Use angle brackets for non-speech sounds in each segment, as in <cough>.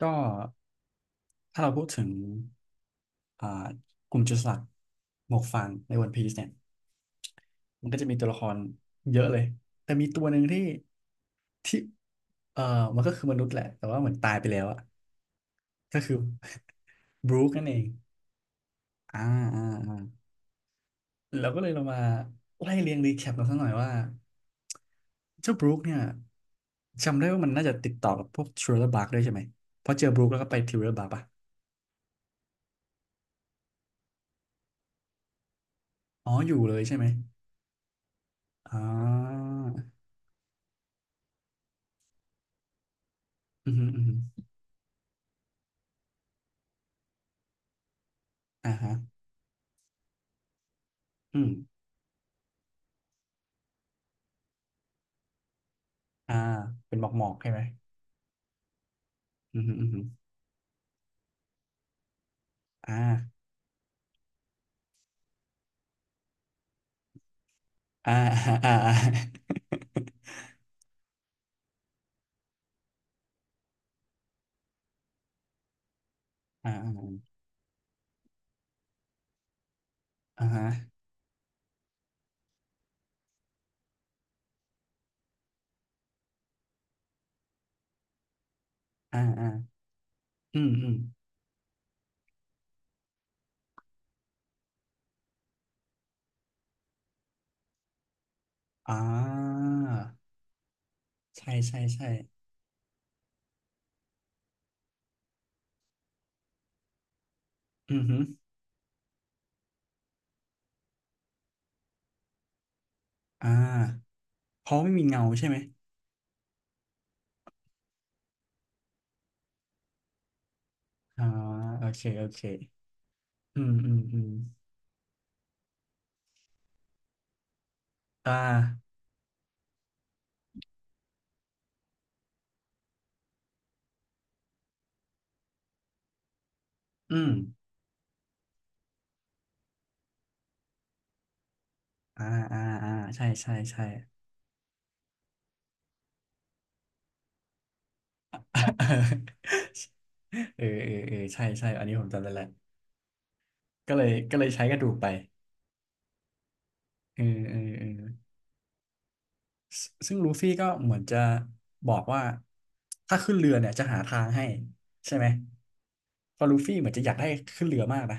ก็ถ้าเราพูดถึงอ่ากลุ่มจุลสลักดิ์หมวกฟางในวันพีซเนี่ยมันก็จะมีตัวละครเยอะเลยแต่มีตัวหนึ่งที่ที่เออมันก็คือมนุษย์แหละแต่ว่าเหมือนตายไปแล้วอะก็คือบรูคนั่นเองอ่าอ่าอ่าเราก็เลยเรามาไล่เรียงรีแคปกันสักหน่อยว่าเจ้าบรูคเนี่ยจำได้ว่ามันน่าจะติดต่อกับพวกทริลเลอร์บาร์กด้วยใช่ไหมเพราะเจอบรูคแล้วก็ไปทริลเลอร์บาร์กป่ะอ๋ออยู่เลยใช่ไหมอ่าอือฮึอือฮึอ่าฮะ อืมอ่าเป็นหมอกหมอกใช่ไหมอืมฮึอืมฮึอ่าอ่าอ่าอ่าอ่าอ่าอ่าฮะอ่าอ่าอืมอืมอ่าใช่ใช่ ใช่อืมฮึอ่าเพราะไม่มีเงาใช่ไหมอ่าโอเคโอเคอืมอืมอืมอ่าอืมอ่าอ่าอ่าใช่ ใช่ใช่ <laughs> เออเออเออใช่ใช่อันนี้ผมจำได้แล้วก็เลยใช้กระดูกไปเออเออเออ ซึ่งลูฟี่ก็เหมือนจะบอกว่าถ้าขึ้นเรือเนี่ยจะหาทางให้ใช่ไหมเพอลูฟี่เหมือนจะอยากให้ขึ้นเรือมากนะ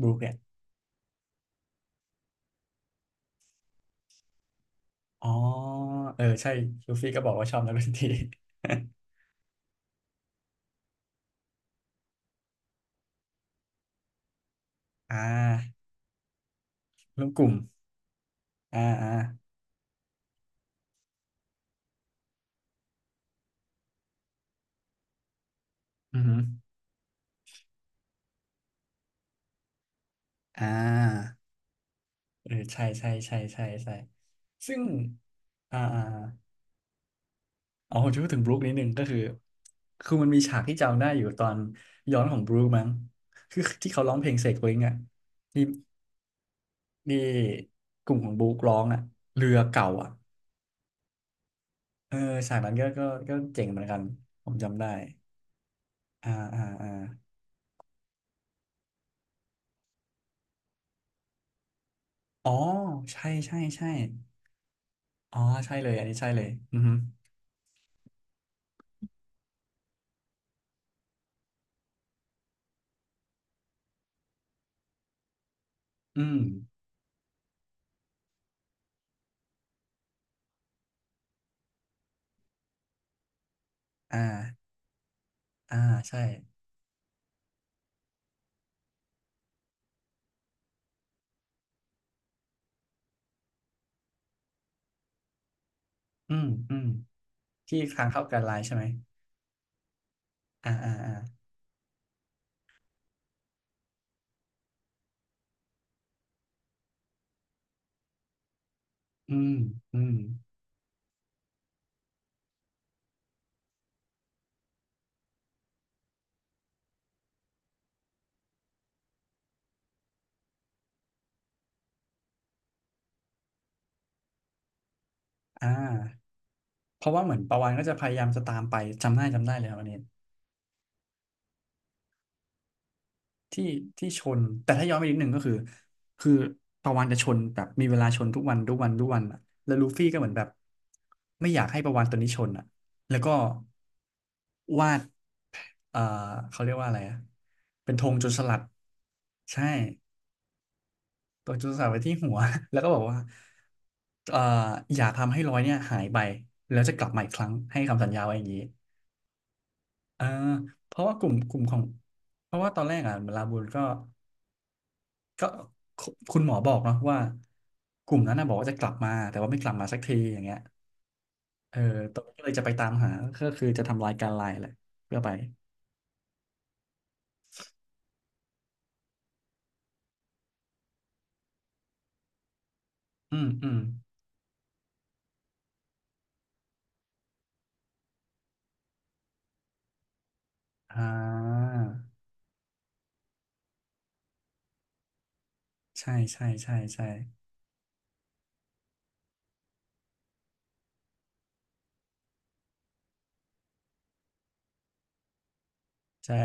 บรูคเนี่ยอ๋อเออใช่ลูฟี่ก็บอกว่าชอบนักดนตรี <laughs> อ่าร่วมกลุ่มอ่าอ่าอือหืออ่าเออใช่ใช่ใช่ใช่ใช่ซึ่งอ่าอ่าอ๋อผมจะพูดถึงบรูคนิดนึงก็คือคือมันมีฉากที่จำได้อยู่ตอนย้อนของบรูคมั้งคือที่เขาร้องเพลงเสกวิงอ่ะที่ ที่กลุ่มของบุ๊กร้องอ่ะเรือเก่าอ่ะเออฉากนั้นก็เจ๋งเหมือนกันผมจำได้อ่าอ่าอ่าอ๋อใช่ใช่ใช่อ๋อใช่เลยอันนี้ใช่เลยอือหืออืมอ่าอ่าใช่อืมอืมที่ค้างเข้ากันไลน์ใช่ไหมอ่าอ่าอ่าอืมอืมอ่าเพราะว่าเหมือนปะวันก็จะพยายามจะตามไปจำได้จำได้เลยครับอันนี้ ที่ชนแต่ถ้าย้อนไปนิดหนึ่งก็คือคือปะวันจะชนแบบมีเวลาชนทุกวันทุกวันทุกวันอ่ะแล้วลูฟี่ก็เหมือนแบบไม่อยากให้ปะวันตัวนี้ชนอ่ะแล้วก็วาดเอ่อเขาเรียกว่าอะไรอ่ะเป็นธงโจรสลัดใช่ตัวโจรสลัดไว้ที่หัว <laughs> แล้วก็บอกว่าเอ่ออย่าทำให้รอยเนี่ยหายไปแล้วจะกลับมาอีกครั้งให้คำสัญญาไว้อย่างนี้เออเพราะว่ากลุ่มของเพราะว่าตอนแรกอ่ะลาบูนก็ ก็คุณหมอบอกเนาะว่ากลุ่มนั้นนะบอกว่าจะกลับมาแต่ว่าไม่กลับมาสักทีอย่างเงี้ยเออตอนนี้ก็เลยจะไปตามหาก็คือจะทำลายการไลน์แหละเพื่อไปอืมอืมอ่าใช่ใช่ใช่ใช่ใช่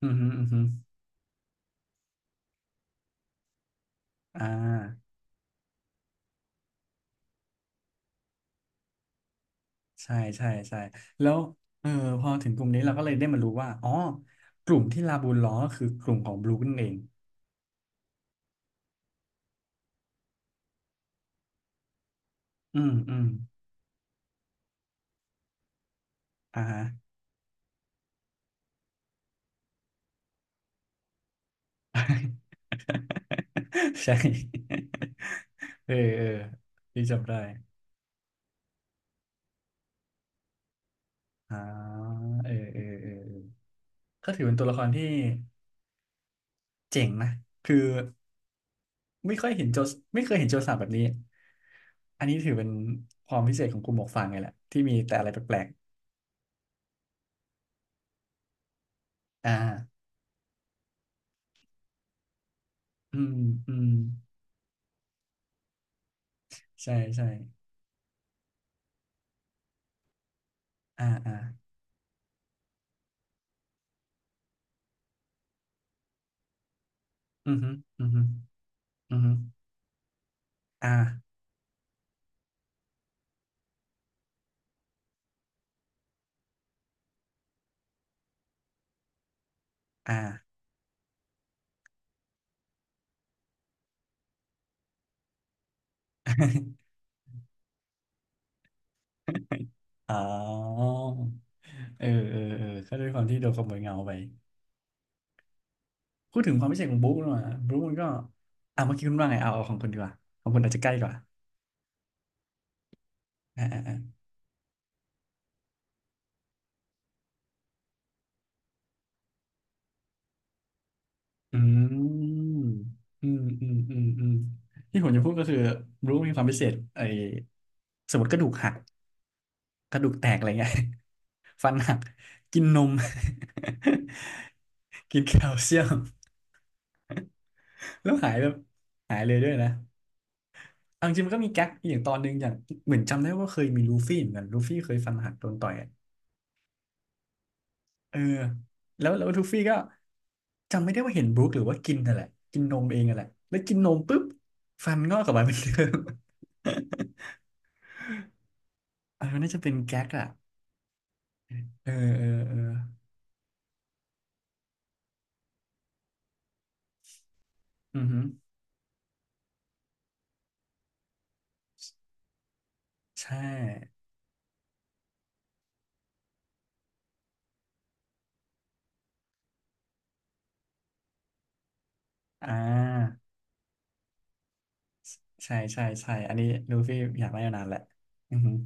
อืมฮึอืมฮึอ่าใช่ใช่ใช่แล้วเออพอถึงกลุ่มนี้เราก็เลยได้มารู้ว่าอ๋อกลุ่มที่ลาบูลล้อก็คือกลุ่มของบลูนั่นเองอืมอืมอ่าฮะ <laughs> ใช่เออเออพี่จำได้อ่าเออเออเออเออก็ถือเป็นตัวละครที่เจ๋งนะคือไม่ค่อยเห็นโจสไม่เคยเห็นโจรสลัดแบบนี้อันนี้ถือเป็นความพิเศษของกลุ่มหมวกฟางไงแหละที่มีแต่อะไรแปลกๆอ่าอืมอืมใช่ใช่อ่าอ่าอือฮึอือฮึอือฮึอ่าอ่า <laughs> อ๋อเออเออเออก็ด้วยความที่โดนขโมยเงาไป พูดถึงความพิเศษของบุ๊กหน่อยบุ๊กมันก็อ่ะเมื่อกี้คุณว่าไงเอาของคุณดีกว่าของคุณอาจจะใกล้กว่าอ่าอ่าอ่าอืมอืมอืมอืมอืมที่ผมจะพูดก็คือบุ๊กมีความพิเศษไอ้สมมติกระดูกหักกระดูกแตกอะไรเงี้ย <laughs> ฟันหักกินนม <laughs> กินแคลเซียมแล้วหายแบบหายเลยด้วยนะเอาจริงๆมันก็มีแก๊กอย่างตอนหนึงอย่างเหมือนจำได้ว่าเคยมีลูฟี่เหมือนกันลูฟี่เคยฟันหักโดนต่อย เออแล้วทูฟี่ก็จำไม่ได้ว่าเห็นบรูคหรือว่ากินนั่นแหละกินนมเองนั่นแหละแล้วกินนมปุ๊บฟันงอกกลับมาเป็นเดิม <laughs> เออน่าจะเป็นแก๊กอะเออเออเอออือหือใช่อ่าใช่ใช่ใช่อันนี้ลูฟี่อยากได้มานานแหละอือหือ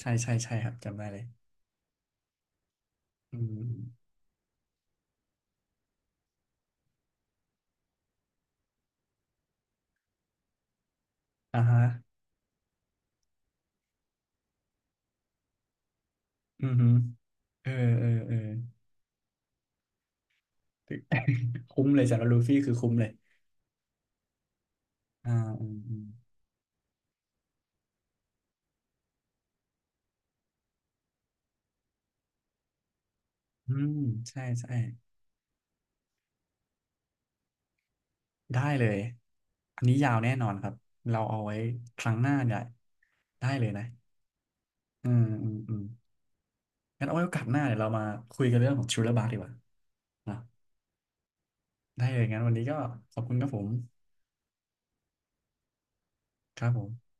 ใช่ใช่ใช่ครับจำได้เลยอืมอ่าฮะอือหือเออเออเออ <laughs> คุ้มเลยสำหรับลูฟี่คือคุ้มเลยอ่าอืมอืมอืมใช่ใช่ ได้เลย อันนี้ยาวแน่นอนครับ เราเอาไว้ครั้งหน้าเนี่ยได้เลยนะ อืม อืม อืมงั้นเอาไว้โอกาสหน้าเดี๋ยวเรามาคุยกันเรื่องของชูเลอร์บาร์ดีกว่านะได้เลย งั้นวันนี้ก็ขอบคุณครับผม ครับผม